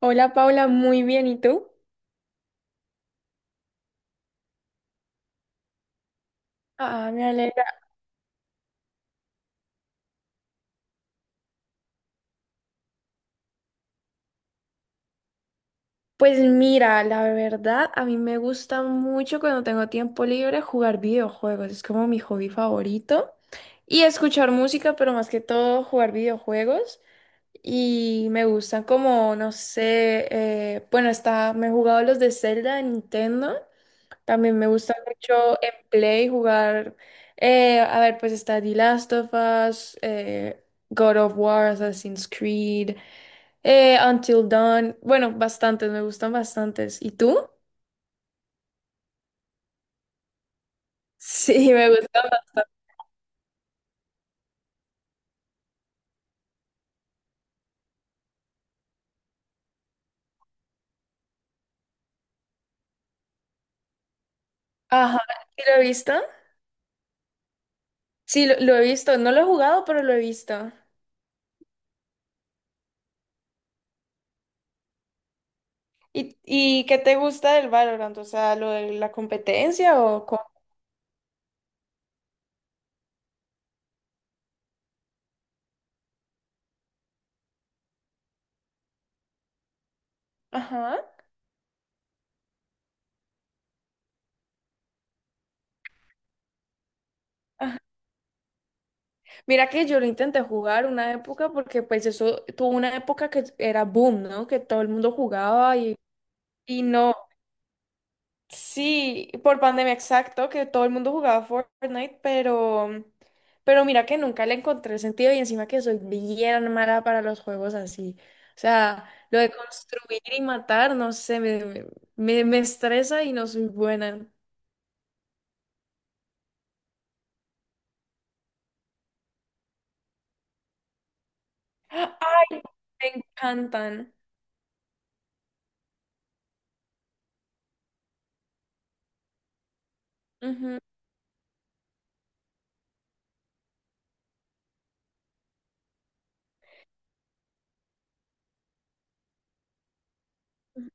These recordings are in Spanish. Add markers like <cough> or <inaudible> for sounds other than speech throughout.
Hola Paula, muy bien, ¿y tú? Ah, me alegra. Pues mira, la verdad, a mí me gusta mucho cuando tengo tiempo libre jugar videojuegos. Es como mi hobby favorito. Y escuchar música, pero más que todo jugar videojuegos. Y me gustan como, no sé, bueno, está, me he jugado los de Zelda de Nintendo. También me gusta mucho en Play jugar, a ver, pues está The Last of Us, God of War, Assassin's Creed, Until Dawn, bueno, bastantes, me gustan bastantes. ¿Y tú? <laughs> Sí, me gustan. Ajá, ¿sí lo he visto? Sí, lo he visto, no lo he jugado, pero lo he visto. ¿Y qué te gusta del Valorant? O sea, ¿lo de la competencia o cómo? Ajá. Mira que yo lo intenté jugar una época porque pues eso tuvo una época que era boom, ¿no? Que todo el mundo jugaba y no. Sí, por pandemia, exacto, que todo el mundo jugaba Fortnite, pero mira que nunca le encontré sentido y encima que soy bien mala para los juegos así. O sea, lo de construir y matar, no sé, me estresa y no soy buena. <gasps> ¡Ay! Me encantan. Ujú, ujú.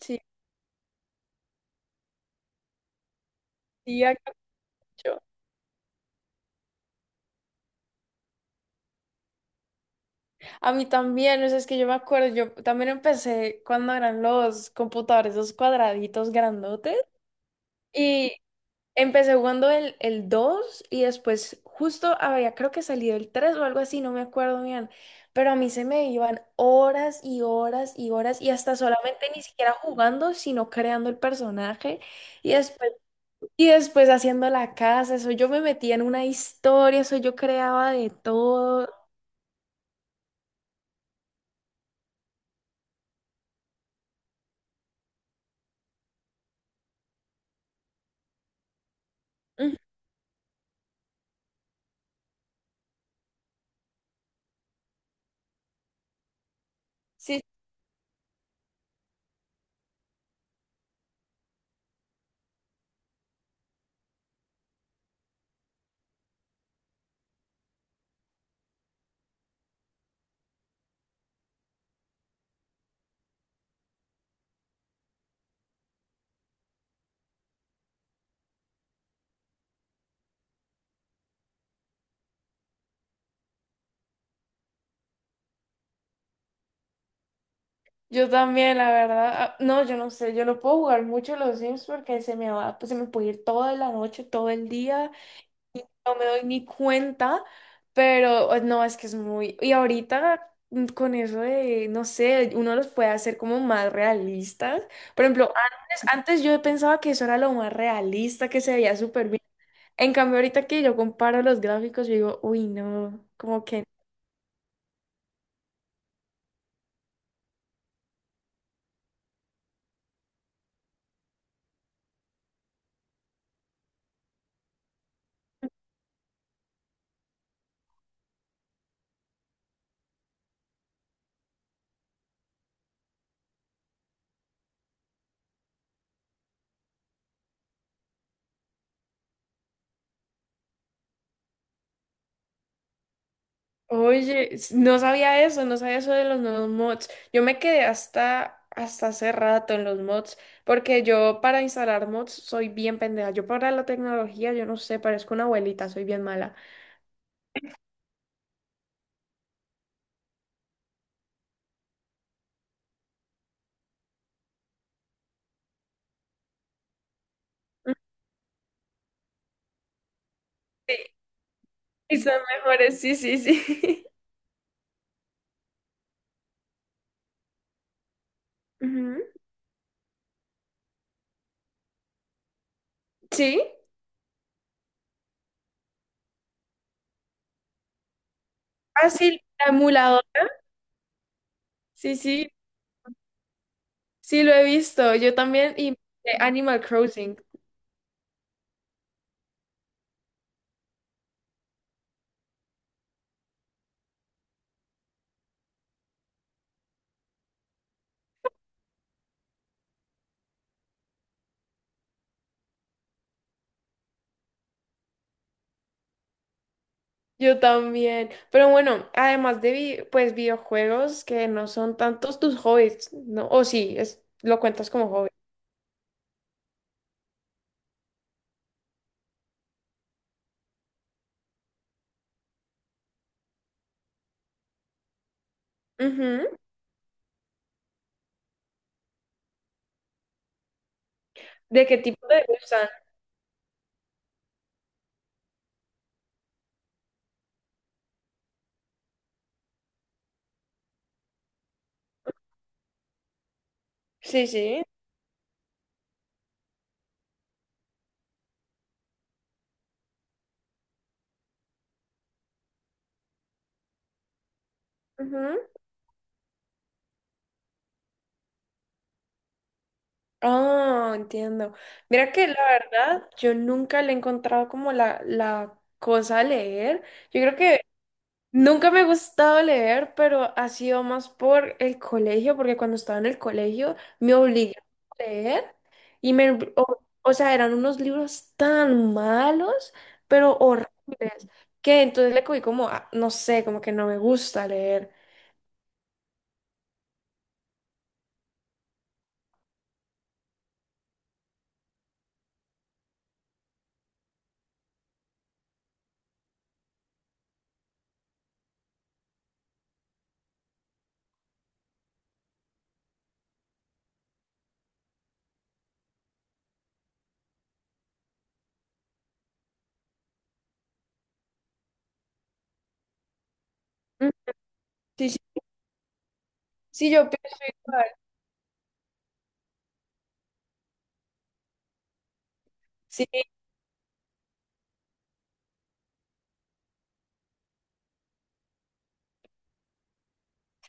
Sí, sí, ya. A mí también, o sea, es que yo me acuerdo, yo también empecé cuando eran los computadores, esos cuadraditos grandotes, y empecé jugando el 2 y después justo había creo que salido el 3 o algo así, no me acuerdo bien, pero a mí se me iban horas y horas y horas y hasta solamente ni siquiera jugando, sino creando el personaje y después, y después haciendo la casa, eso yo me metía en una historia, eso yo creaba de todo. Ujú. Sí. Yo también, la verdad. No, yo no sé, yo no puedo jugar mucho los Sims porque se me va, pues se me puede ir toda la noche, todo el día, no me doy ni cuenta, pero no, es que es muy... Y ahorita, con eso de, no sé, uno los puede hacer como más realistas. Por ejemplo, antes yo pensaba que eso era lo más realista, que se veía súper bien. En cambio, ahorita que yo comparo los gráficos, yo digo, uy, no, como que... Oye, no sabía eso, no sabía eso de los nuevos mods. Yo me quedé hasta hace rato en los mods, porque yo para instalar mods soy bien pendeja. Yo para la tecnología, yo no sé, parezco una abuelita, soy bien mala. Mm. Sí, y son mejores, sí, sí, sí. <laughs> Ujú. ¿Sí? Ah, sí, la emuladora. Sí, sí, sí, lo he visto. Yo también, y Animal Crossing. Yo también. Pero bueno, además de pues videojuegos, que no son tantos tus hobbies, ¿no? O sí, es, ¿lo cuentas como hobby? Ujú. ¿De qué tipo te gustan? Sí, sí. Ujú. Ah, entiendo. Mira que la verdad, yo nunca le he encontrado como la cosa a leer. Yo creo que nunca me ha gustado leer, pero ha sido más por el colegio, porque cuando estaba en el colegio me obligaron a leer y me, o sea, eran unos libros tan malos, pero horribles, que entonces le cogí como, ah, no sé, como que no me gusta leer. Mm. Sí, sí, sí, yo pienso igual. Sí.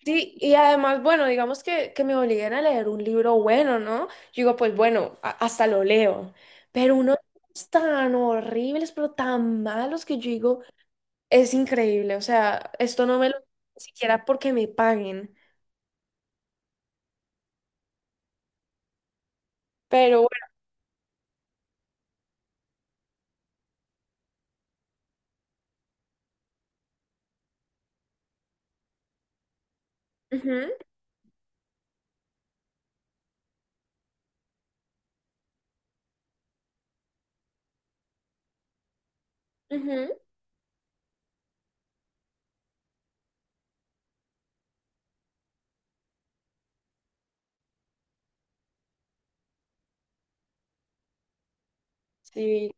Sí, y además, bueno, digamos que me obliguen a leer un libro bueno, ¿no? Yo digo, pues bueno, hasta lo leo, pero unos tan horribles, pero tan malos que yo digo, es increíble, o sea, esto no me lo ni siquiera porque me paguen, pero bueno, ujú, ujú. Sí,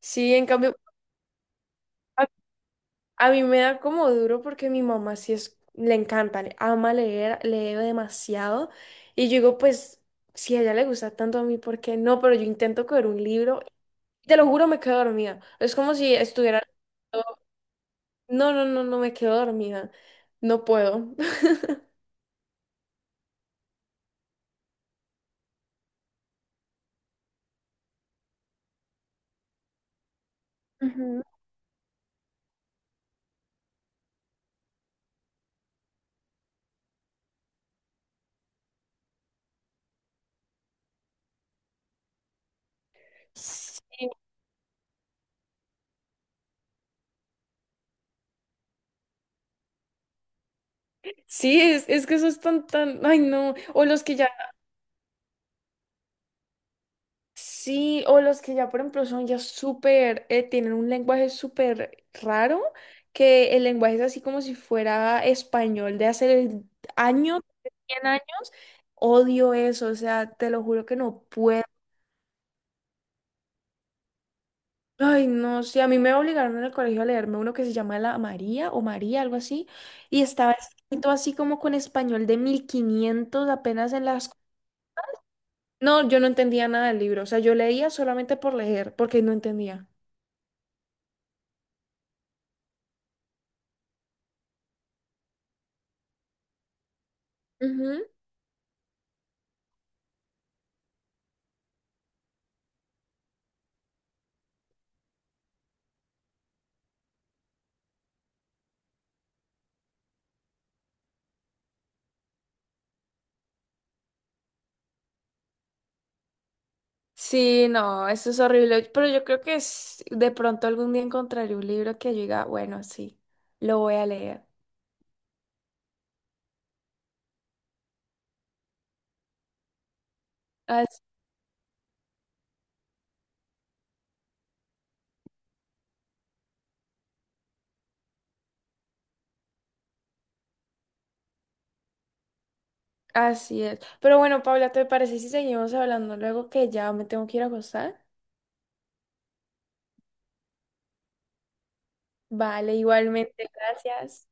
sí, en cambio, a, a mí me da como duro porque mi mamá sí es, le encanta, le ama leer, lee demasiado, y yo digo, pues... Si a ella le gusta tanto, a mí, ¿por qué no? Pero yo intento coger un libro. Te lo juro, me quedo dormida. Es como si estuviera... No, no, no, no me quedo dormida. No puedo. <laughs> Ujú. Sí, sí, es que esos están tan... Ay, no. O los que ya... Sí, o los que ya, por ejemplo, son ya súper... tienen un lenguaje súper raro, que el lenguaje es así como si fuera español de hace años 100 años. Odio eso, o sea, te lo juro que no puedo. Ay, no, sí, a mí me obligaron en el colegio a leerme uno que se llama La María o María, algo así, y estaba escrito así como con español de 1500 apenas en las... No, yo no entendía nada del libro, o sea, yo leía solamente por leer, porque no entendía. Ujú. Sí, no, eso es horrible, pero yo creo que de pronto algún día encontraré un libro que yo diga, bueno, sí, lo voy a leer. As- Así es. Pero bueno, Paula, ¿te parece si seguimos hablando luego, que ya me tengo que ir a acostar? Vale, igualmente, gracias.